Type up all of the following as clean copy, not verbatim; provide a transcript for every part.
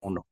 Uno.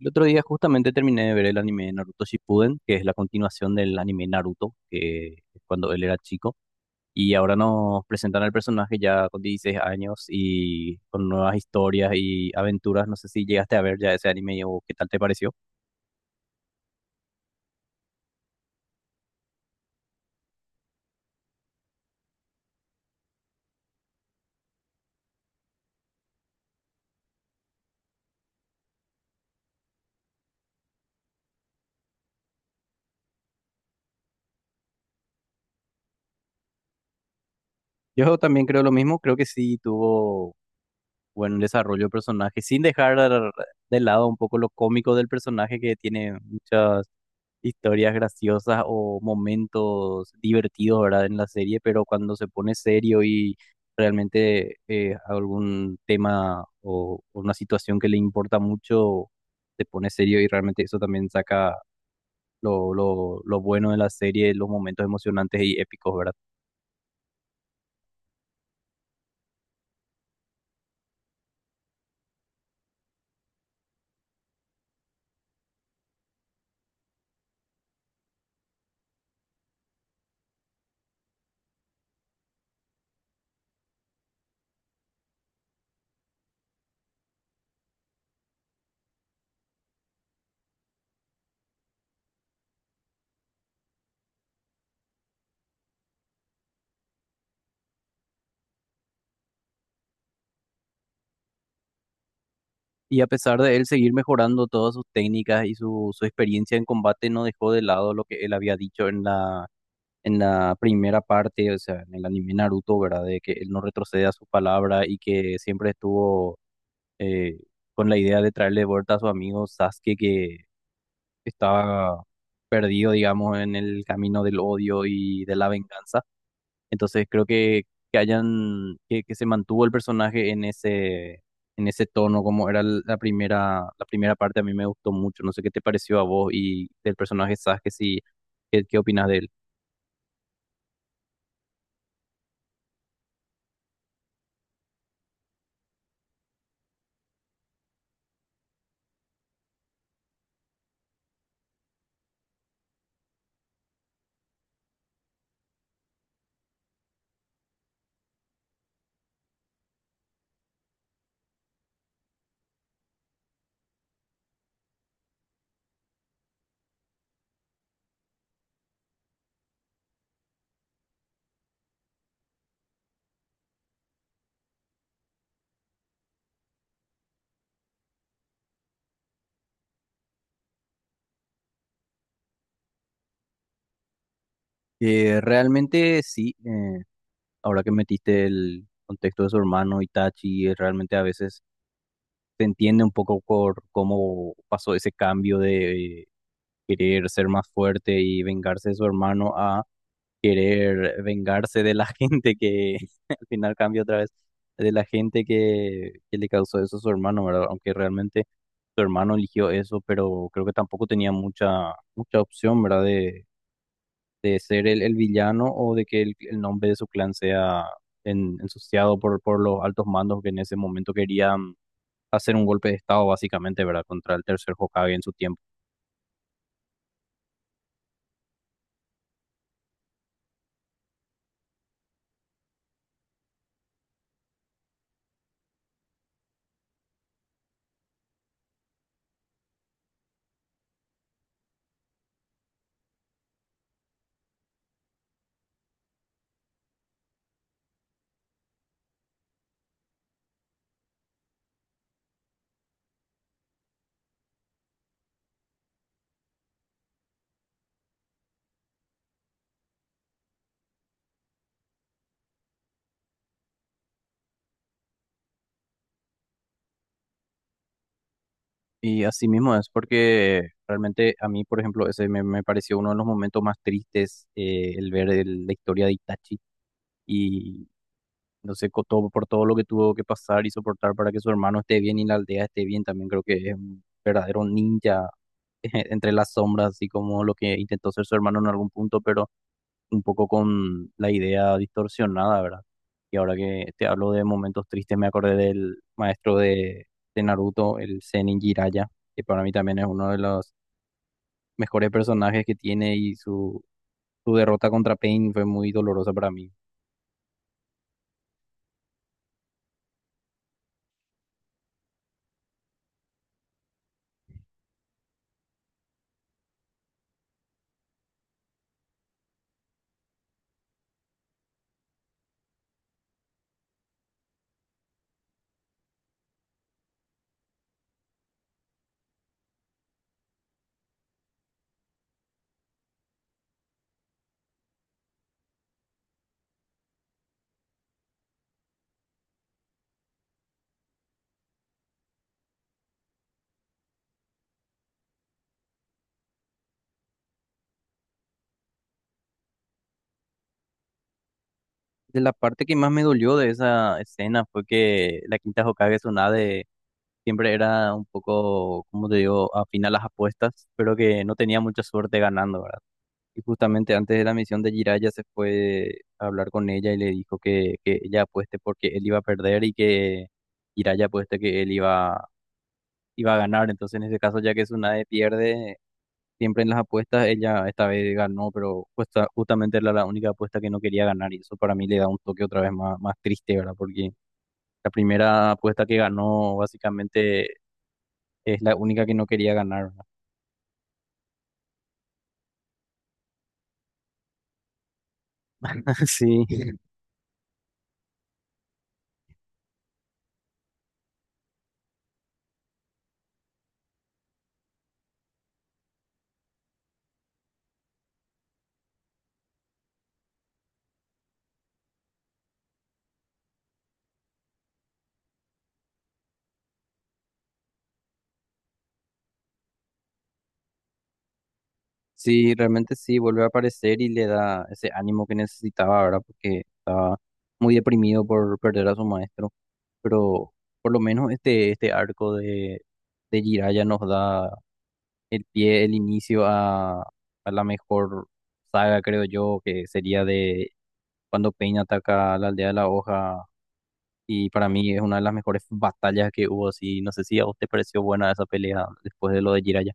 El otro día justamente terminé de ver el anime de Naruto Shippuden, que es la continuación del anime Naruto, que es cuando él era chico, y ahora nos presentan al personaje ya con 16 años y con nuevas historias y aventuras. No sé si llegaste a ver ya ese anime o qué tal te pareció. Yo también creo lo mismo, creo que sí tuvo buen desarrollo de personaje, sin dejar de lado un poco lo cómico del personaje que tiene muchas historias graciosas o momentos divertidos, ¿verdad? En la serie, pero cuando se pone serio y realmente algún tema o una situación que le importa mucho, se pone serio y realmente eso también saca lo bueno de la serie, los momentos emocionantes y épicos, ¿verdad? Y a pesar de él seguir mejorando todas sus técnicas y su experiencia en combate, no dejó de lado lo que él había dicho en la primera parte, o sea, en el anime Naruto, ¿verdad? De que él no retrocede a su palabra y que siempre estuvo eh, con la idea de traerle de vuelta a su amigo Sasuke, que estaba perdido, digamos, en el camino del odio y de la venganza. Entonces creo que se mantuvo el personaje en ese tono, como era la primera parte, a mí me gustó mucho. No sé qué te pareció a vos y del personaje Sasuke, si, ¿qué, qué opinas de él? Realmente sí, ahora que metiste el contexto de su hermano Itachi, realmente a veces se entiende un poco por cómo pasó ese cambio de querer ser más fuerte y vengarse de su hermano a querer vengarse de la gente que al final cambia otra vez, de la gente que le causó eso a su hermano, ¿verdad? Aunque realmente su hermano eligió eso, pero creo que tampoco tenía mucha opción, ¿verdad? De ser el villano o de que el nombre de su clan sea ensuciado por los altos mandos que en ese momento querían hacer un golpe de estado básicamente, ¿verdad? Contra el tercer Hokage en su tiempo. Y así mismo es porque realmente a mí, por ejemplo, ese me pareció uno de los momentos más tristes, el ver la historia de Itachi. Y entonces, todo, por todo lo que tuvo que pasar y soportar para que su hermano esté bien y la aldea esté bien, también creo que es un verdadero ninja entre las sombras, así como lo que intentó ser su hermano en algún punto, pero un poco con la idea distorsionada, ¿verdad? Y ahora que te hablo de momentos tristes, me acordé del maestro de Naruto, el Zenin Jiraiya, que para mí también es uno de los mejores personajes que tiene y su derrota contra Pain fue muy dolorosa para mí. De la parte que más me dolió de esa escena fue que la quinta Hokage Tsunade siempre era un poco, como te digo, afín a las apuestas, pero que no tenía mucha suerte ganando, ¿verdad? Y justamente antes de la misión de Jiraiya se fue a hablar con ella y le dijo que ella apueste porque él iba a perder y que Jiraiya apueste que él iba a ganar. Entonces, en ese caso, ya que Tsunade pierde, siempre en las apuestas ella esta vez ganó, pero justamente era la única apuesta que no quería ganar y eso para mí le da un toque otra vez más, más triste, ¿verdad? Porque la primera apuesta que ganó básicamente es la única que no quería ganar, ¿verdad? Sí, sí, realmente sí, vuelve a aparecer y le da ese ánimo que necesitaba, ¿verdad? Porque estaba muy deprimido por perder a su maestro, pero por lo menos este, este arco de Jiraiya nos da el pie, el inicio a la mejor saga, creo yo, que sería de cuando Pain ataca a la aldea de la hoja. Y para mí es una de las mejores batallas que hubo, así. No sé si a vos te pareció buena esa pelea después de lo de Jiraiya.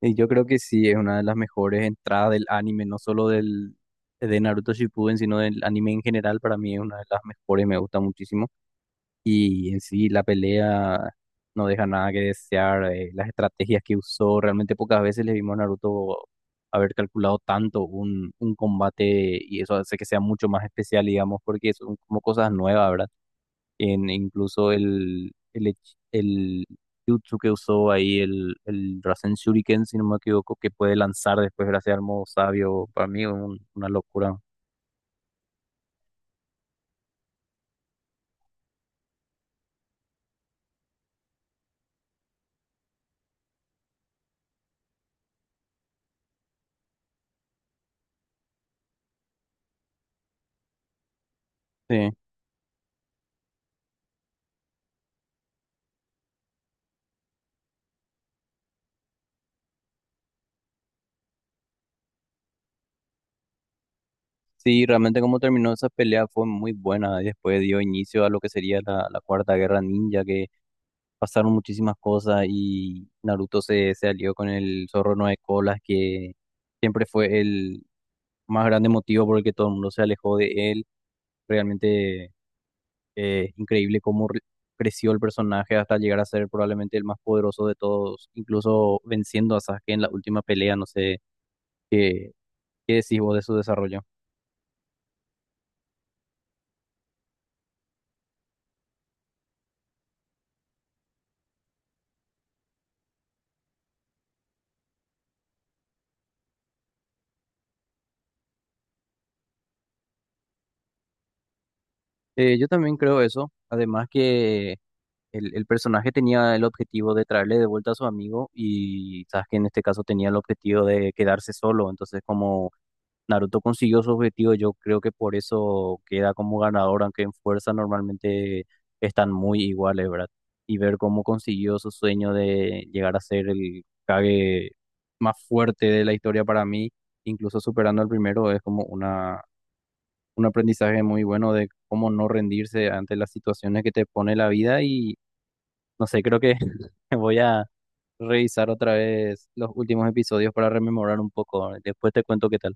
Y yo creo que sí, es una de las mejores entradas del anime, no solo de Naruto Shippuden, sino del anime en general. Para mí es una de las mejores, me gusta muchísimo. Y en sí la pelea no deja nada que desear. Eh, las estrategias que usó, realmente pocas veces le vimos a Naruto haber calculado tanto un combate y eso hace que sea mucho más especial, digamos, porque son como cosas nuevas, ¿verdad? Incluso el jutsu que usó ahí, el Rasen Shuriken, si no me equivoco, que puede lanzar después gracias al modo sabio, para mí es una locura. Sí. Sí, realmente como terminó esa pelea fue muy buena. Y después dio inicio a lo que sería la Cuarta Guerra Ninja, que pasaron muchísimas cosas y Naruto se alió con el Zorro Nueve Colas, que siempre fue el más grande motivo por el que todo el mundo se alejó de él. Realmente increíble cómo creció el personaje hasta llegar a ser probablemente el más poderoso de todos, incluso venciendo a Sasuke en la última pelea. No sé qué, qué decís vos de su desarrollo. Yo también creo eso. Además que el personaje tenía el objetivo de traerle de vuelta a su amigo y Sasuke en este caso tenía el objetivo de quedarse solo. Entonces, como Naruto consiguió su objetivo, yo creo que por eso queda como ganador, aunque en fuerza normalmente están muy iguales, ¿verdad? Y ver cómo consiguió su sueño de llegar a ser el Kage más fuerte de la historia para mí, incluso superando al primero, es como una, un aprendizaje muy bueno de cómo no rendirse ante las situaciones que te pone la vida y no sé, creo que voy a revisar otra vez los últimos episodios para rememorar un poco. Después te cuento qué tal.